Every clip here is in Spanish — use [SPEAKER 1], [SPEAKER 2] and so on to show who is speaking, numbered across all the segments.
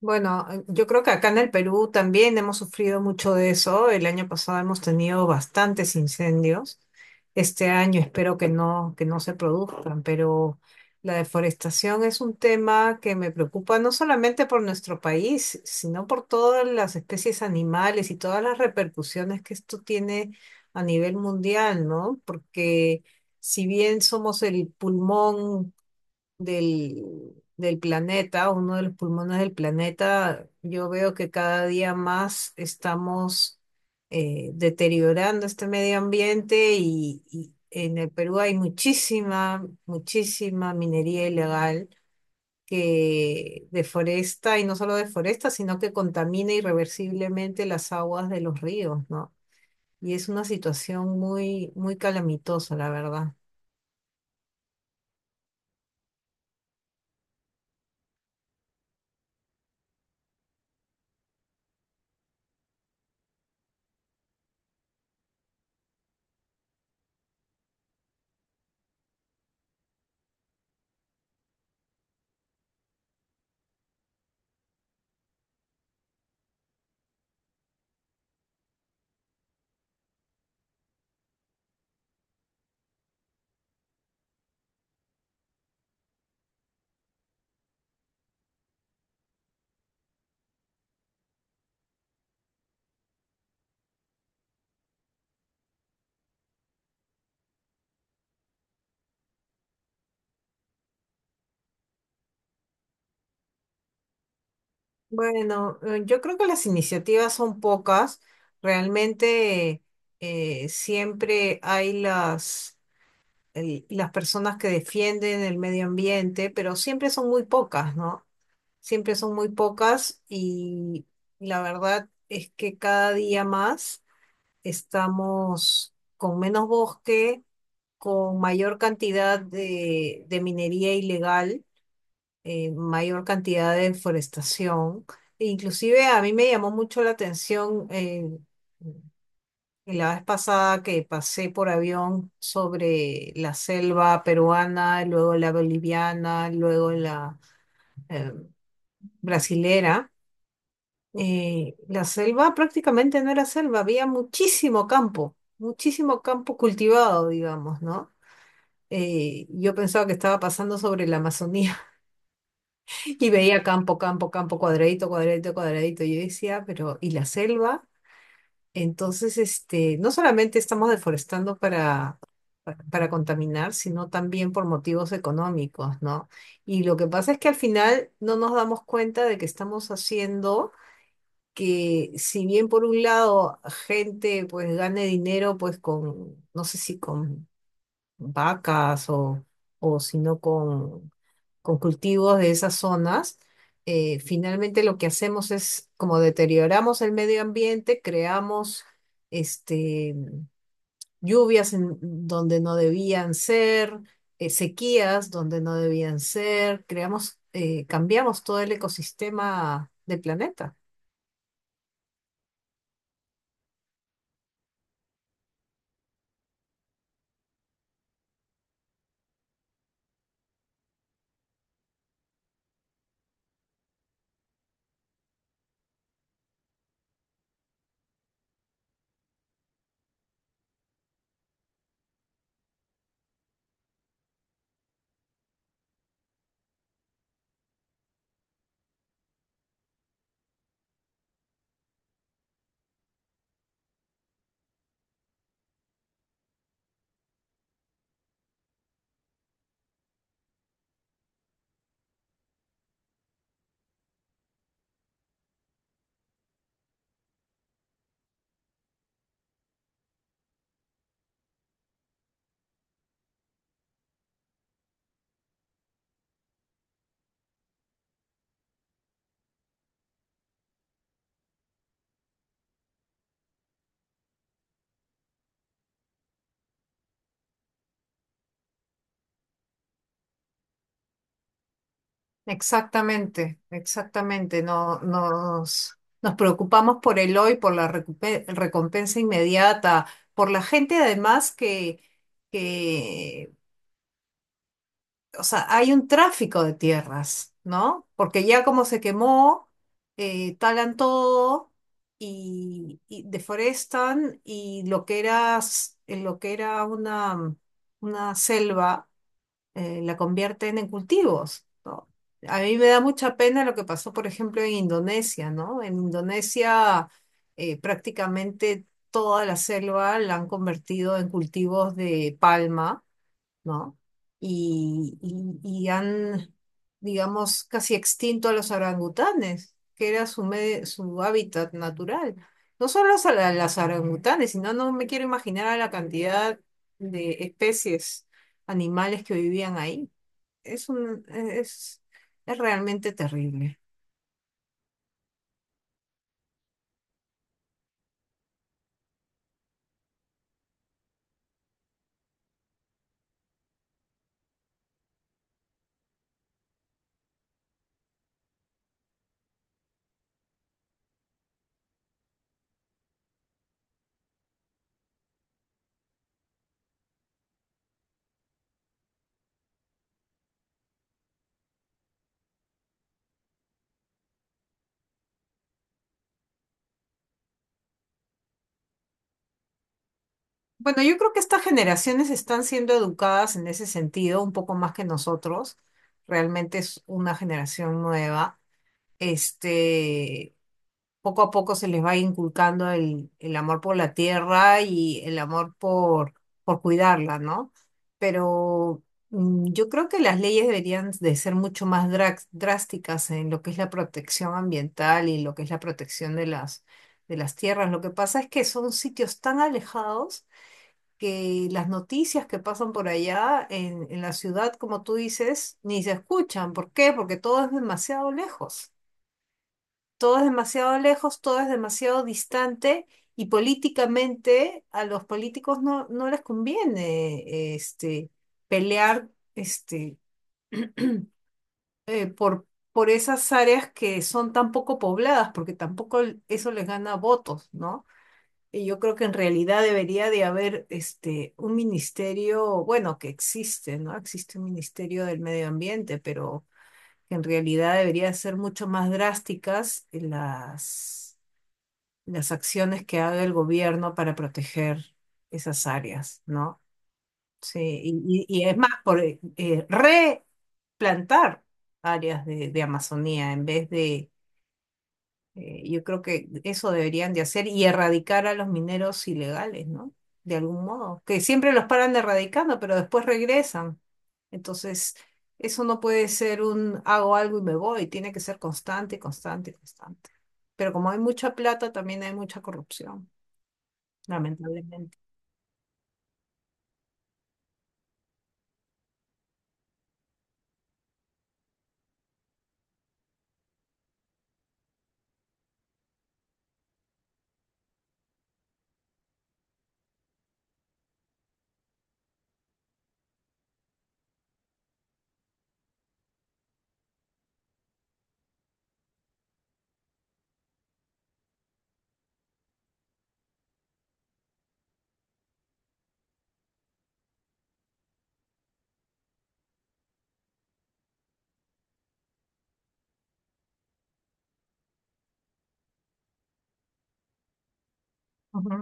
[SPEAKER 1] Bueno, yo creo que acá en el Perú también hemos sufrido mucho de eso. El año pasado hemos tenido bastantes incendios. Este año espero que no se produzcan, pero la deforestación es un tema que me preocupa no solamente por nuestro país, sino por todas las especies animales y todas las repercusiones que esto tiene a nivel mundial, ¿no? Porque si bien somos el pulmón del, del planeta, uno de los pulmones del planeta, yo veo que cada día más estamos deteriorando este medio ambiente y en el Perú hay muchísima minería ilegal que deforesta y no solo deforesta, sino que contamina irreversiblemente las aguas de los ríos, ¿no? Y es una situación muy, muy calamitosa, la verdad. Bueno, yo creo que las iniciativas son pocas. Realmente siempre hay las personas que defienden el medio ambiente, pero siempre son muy pocas, ¿no? Siempre son muy pocas y la verdad es que cada día más estamos con menos bosque, con mayor cantidad de minería ilegal, mayor cantidad de deforestación. E inclusive a mí me llamó mucho la atención, la vez pasada que pasé por avión sobre la selva peruana, luego la boliviana, luego la eh, brasilera. Eh, la selva prácticamente no era selva, había muchísimo campo cultivado, digamos, ¿no? Yo pensaba que estaba pasando sobre la Amazonía. Y veía campo, campo, campo, cuadradito, cuadradito, cuadradito. Y yo decía, pero ¿y la selva? Entonces, este, no solamente estamos deforestando para, para contaminar, sino también por motivos económicos, ¿no? Y lo que pasa es que al final no nos damos cuenta de que estamos haciendo que, si bien por un lado gente pues gane dinero pues con, no sé si con vacas o sino con cultivos de esas zonas, finalmente lo que hacemos es como deterioramos el medio ambiente, creamos este, lluvias en donde no debían ser, sequías donde no debían ser, creamos, cambiamos todo el ecosistema del planeta. Exactamente, exactamente. No, nos, nos preocupamos por el hoy, por la recompensa inmediata, por la gente además que, o sea, hay un tráfico de tierras, ¿no? Porque ya como se quemó, talan todo y deforestan y lo que era, lo que era una selva, la convierten en cultivos, ¿no? A mí me da mucha pena lo que pasó, por ejemplo, en Indonesia, ¿no? En Indonesia prácticamente toda la selva la han convertido en cultivos de palma, ¿no? Y, y- y han, digamos, casi extinto a los orangutanes, que era su, su hábitat natural. No solo a las orangutanes, sino no me quiero imaginar a la cantidad de especies animales que vivían ahí. Es un, es, es realmente terrible. Bueno, yo creo que estas generaciones están siendo educadas en ese sentido, un poco más que nosotros. Realmente es una generación nueva. Este, poco a poco se les va inculcando el amor por la tierra y el amor por cuidarla, ¿no? Pero yo creo que las leyes deberían de ser mucho más drásticas en lo que es la protección ambiental y lo que es la protección de las tierras. Lo que pasa es que son sitios tan alejados que las noticias que pasan por allá en la ciudad, como tú dices, ni se escuchan. ¿Por qué? Porque todo es demasiado lejos, todo es demasiado lejos, todo es demasiado distante y políticamente a los políticos no, no les conviene este, pelear este, eh, por, por esas áreas que son tan poco pobladas, porque tampoco eso les gana votos, ¿no? Y yo creo que en realidad debería de haber este, un ministerio, bueno, que existe, ¿no? Existe un ministerio del medio ambiente, pero que en realidad debería ser mucho más drásticas las acciones que haga el gobierno para proteger esas áreas, ¿no? Sí, y es más, por replantar áreas de Amazonía en vez de, yo creo que eso deberían de hacer y erradicar a los mineros ilegales, ¿no? De algún modo, que siempre los paran erradicando, pero después regresan. Entonces, eso no puede ser un hago algo y me voy, tiene que ser constante, constante, constante. Pero como hay mucha plata, también hay mucha corrupción lamentablemente. Ujú.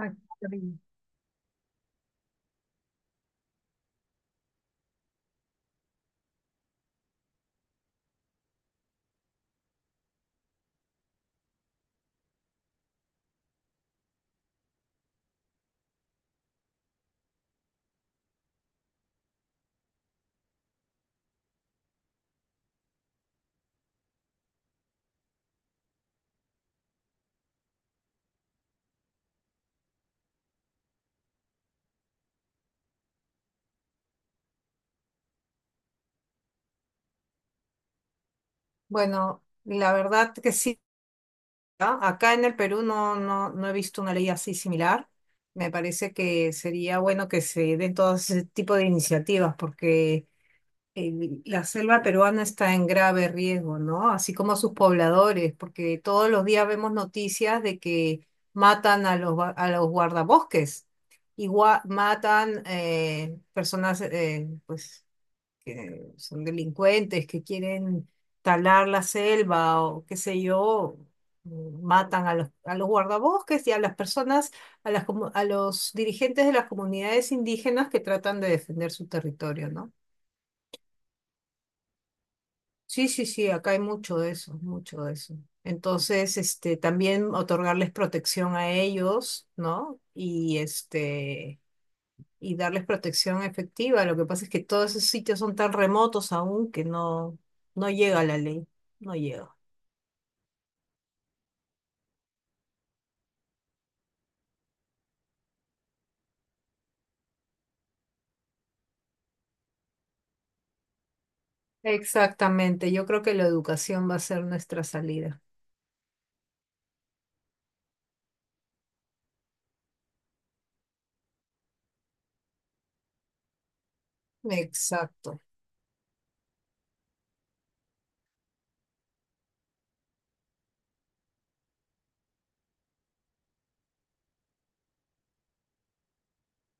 [SPEAKER 1] Ay, qué horrible. Bueno, la verdad que sí, ¿ah? Acá en el Perú no, no, no he visto una ley así similar. Me parece que sería bueno que se den todo ese tipo de iniciativas porque la selva peruana está en grave riesgo, ¿no? Así como sus pobladores, porque todos los días vemos noticias de que matan a a los guardabosques, igual matan personas, pues que son delincuentes, que quieren talar la selva o qué sé yo, matan a los guardabosques y a las personas, a a los dirigentes de las comunidades indígenas que tratan de defender su territorio, ¿no? Sí, sí, sí, acá hay mucho de eso, mucho de eso. Entonces, este, también otorgarles protección a ellos, ¿no? Y este, y darles protección efectiva. Lo que pasa es que todos esos sitios son tan remotos aún que no, no llega la ley, no llega. Exactamente, yo creo que la educación va a ser nuestra salida. Exacto,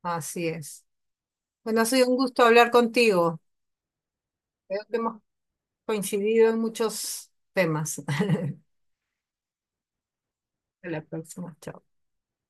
[SPEAKER 1] así es. Bueno, ha sido un gusto hablar contigo. Creo que hemos coincidido en muchos temas. Hasta la próxima, chao.